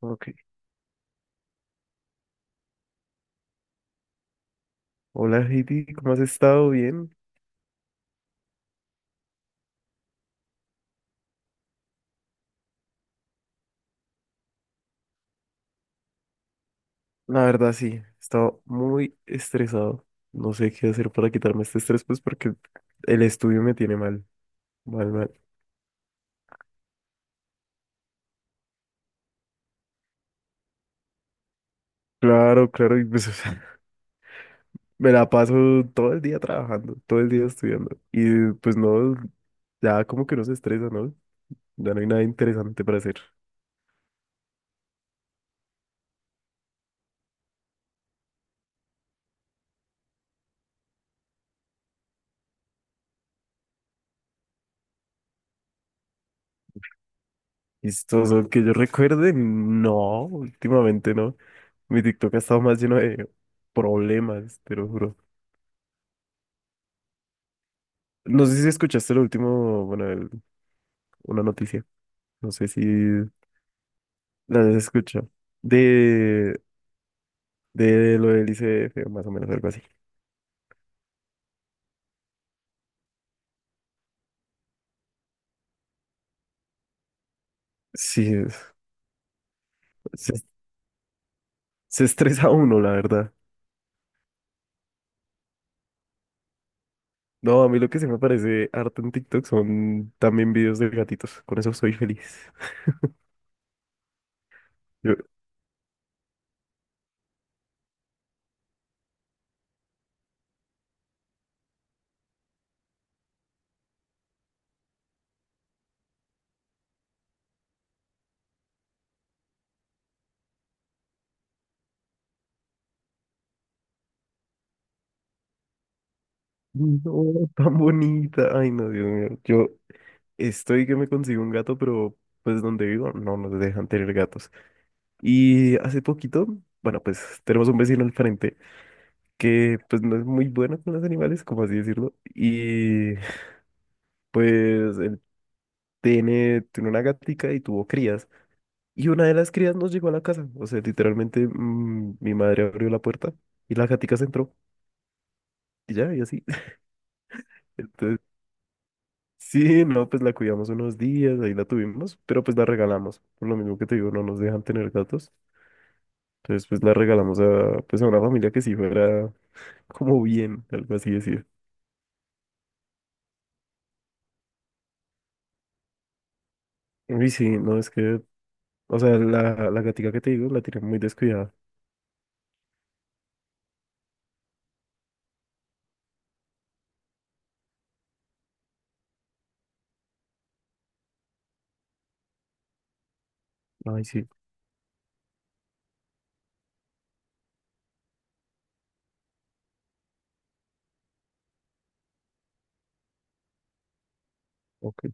Ok. Hola, Heidi, ¿cómo has estado? ¿Bien? La verdad, sí, he estado muy estresado. No sé qué hacer para quitarme este estrés, pues porque el estudio me tiene mal, mal, mal. Claro, claro, y pues o sea, me la paso todo el día trabajando, todo el día estudiando. Y pues no, ya como que no se estresa, ¿no? Ya no hay nada interesante para hacer. Chistoso, que yo recuerde, no, últimamente no. Mi TikTok ha estado más lleno de problemas, te lo juro. No sé si escuchaste lo último, bueno, una noticia, no sé si la has escuchado, de, de lo del ICF, más o menos algo así. Sí, se, se estresa uno, la verdad. No, a mí lo que se me parece harto en TikTok son también videos de gatitos, con eso soy feliz. Yo, no, tan bonita, ay no, Dios mío, yo estoy que me consigo un gato, pero pues donde vivo no nos dejan tener gatos. Y hace poquito, bueno, pues tenemos un vecino al frente. Que pues no es muy buena con los animales, como así decirlo, y pues él tiene una gatica y tuvo crías, y una de las crías nos llegó a la casa, o sea, literalmente mi madre abrió la puerta y la gatica se entró, y ya, y así, entonces, sí, no, pues la cuidamos unos días, ahí la tuvimos, pero pues la regalamos, por lo mismo que te digo, no nos dejan tener gatos, entonces pues la regalamos a, pues a una familia que sí fuera como bien, algo así decir. Uy, sí, no, es que o sea, la gatica que te digo la tiene muy descuidada. Ay, sí, ok.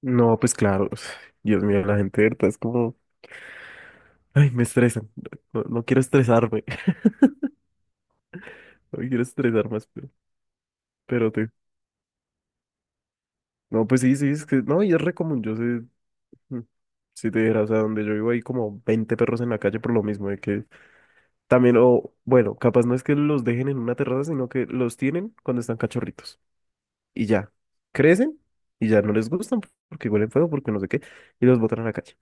No, pues claro. Dios mío, la gente de verdad es como. Ay, me estresan. No, no quiero estresarme. No quiero estresar más, pero te. No, pues sí, sí, es que. No, y es re común. Yo sé. mm, Si te dijeras, o sea, donde yo vivo hay como 20 perros en la calle por lo mismo, de que también, o bueno, capaz no es que los dejen en una terraza, sino que los tienen cuando están cachorritos. Y ya, crecen y ya no les gustan porque huelen feo, porque no sé qué, y los botan a la calle.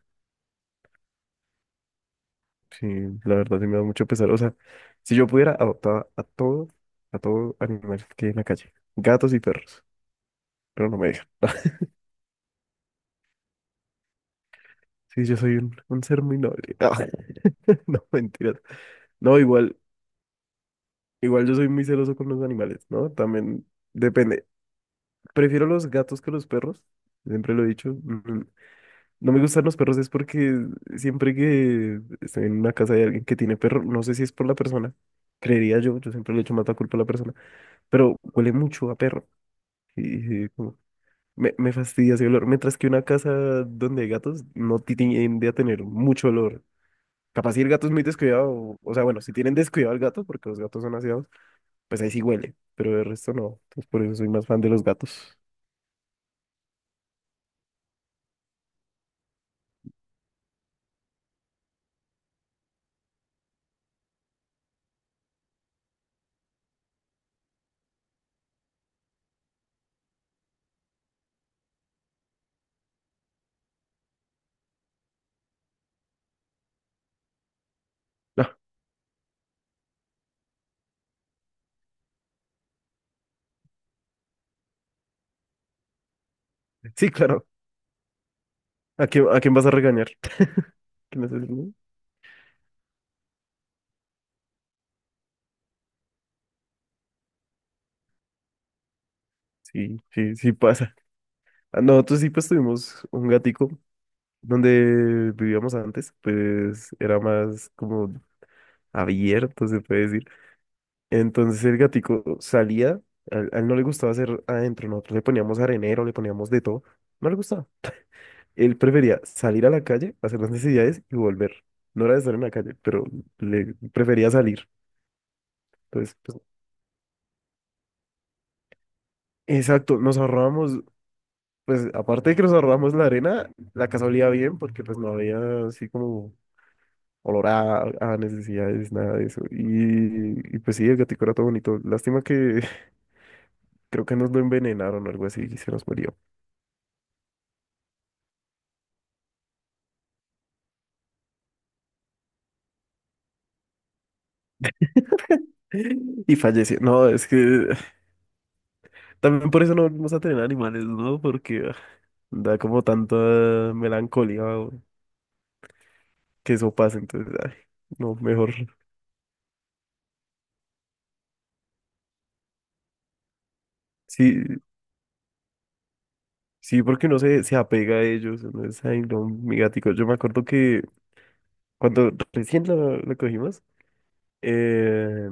Sí, la verdad sí me da mucho pesar. O sea, si yo pudiera, adoptaba a todo animal que hay en la calle, gatos y perros, pero no me dejan. Sí, yo soy un ser muy noble. Ah, no, mentiras. No, igual yo soy muy celoso con los animales, ¿no? También depende. Prefiero los gatos que los perros, siempre lo he dicho. No me gustan los perros es porque siempre que estoy en una casa de alguien que tiene perro, no sé si es por la persona, creería yo, yo siempre le echo más la culpa a la persona, pero huele mucho a perro. Sí, sí, me fastidia ese olor. Mientras que una casa donde hay gatos no tiende a tener mucho olor. Capaz si el gato es muy descuidado, o sea, bueno, si tienen descuidado al gato, porque los gatos son aseados, pues ahí sí huele, pero el resto no. Entonces por eso soy más fan de los gatos. No, sí, claro. A quién vas a regañar? ¿Quién es el niño? Sí, sí, sí pasa. Ah, no, nosotros sí pues tuvimos un gatico donde vivíamos antes, pues era más como abierto, se puede decir. Entonces el gatico salía, a él no le gustaba hacer adentro, nosotros le poníamos arenero, le poníamos de todo, no le gustaba. Él prefería salir a la calle, hacer las necesidades y volver. No era de estar en la calle, pero le prefería salir. Entonces, pues, exacto, nos ahorrábamos, pues aparte de que nos ahorrábamos la arena, la casa olía bien porque pues no había así como olor a necesidades, nada de eso. Y pues sí, el gatico era todo bonito. Lástima que creo que nos lo envenenaron o algo así y se nos murió. Y fallece. No, es que también por eso no volvimos a tener animales, ¿no? Porque da como tanta melancolía que eso pase. Entonces, ay, no, mejor. Sí, sí, porque uno se apega a ellos. Uno es, ay, no, mi gatico. Yo me acuerdo que cuando recién lo cogimos, eh,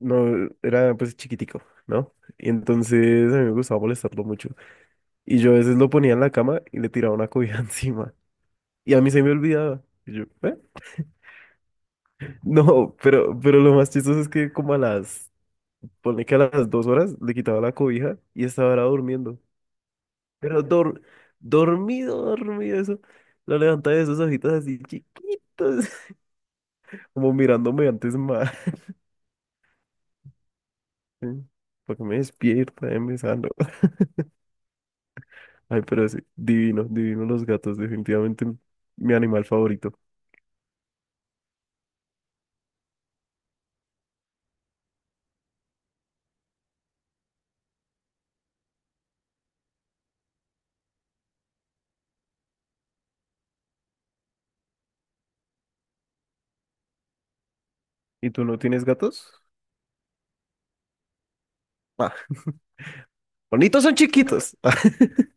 no, era pues chiquitico, ¿no? Y entonces a mí me gustaba molestarlo mucho. Y yo a veces lo ponía en la cama y le tiraba una cobija encima. Y a mí se me olvidaba. Y yo, ¿eh? No, pero lo más chistoso es que ponle que a las 2 horas le quitaba la cobija y estaba ahora durmiendo. Pero dormido, dormido, eso. Lo levantaba de esos ojitos así chiquitos, como mirándome antes más. Para que me despierta, me sano. Ay, pero sí, divino, divino los gatos, definitivamente mi animal favorito. ¿Y tú no tienes gatos? Ah, bonitos son chiquitos.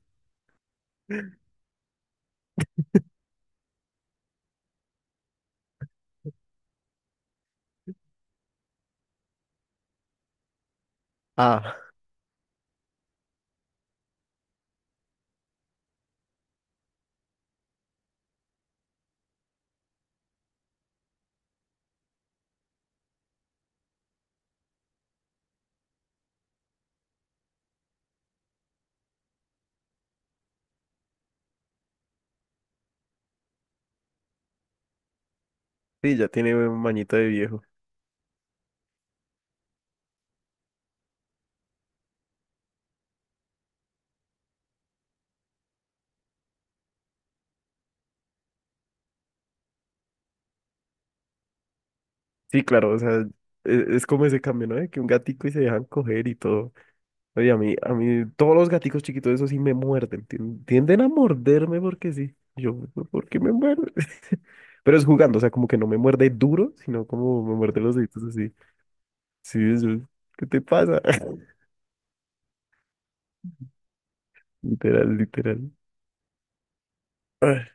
Ah. Sí, ya tiene un mañito de viejo. Sí, claro, o sea, es, como ese cambio, ¿no? De que un gatico y se dejan coger y todo. Oye, a mí, todos los gaticos chiquitos, esos sí me muerden. Tienden a morderme porque sí. ¿Por qué me muerde? Pero es jugando, o sea, como que no me muerde duro, sino como me muerde los deditos así. Sí, eso. ¿Qué te pasa? Literal, literal. Ay,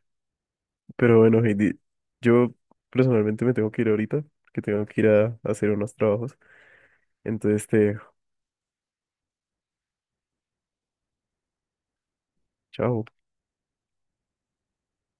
pero bueno, Heidi, yo personalmente me tengo que ir ahorita, que tengo que ir a hacer unos trabajos. Entonces, te dejo. Chao.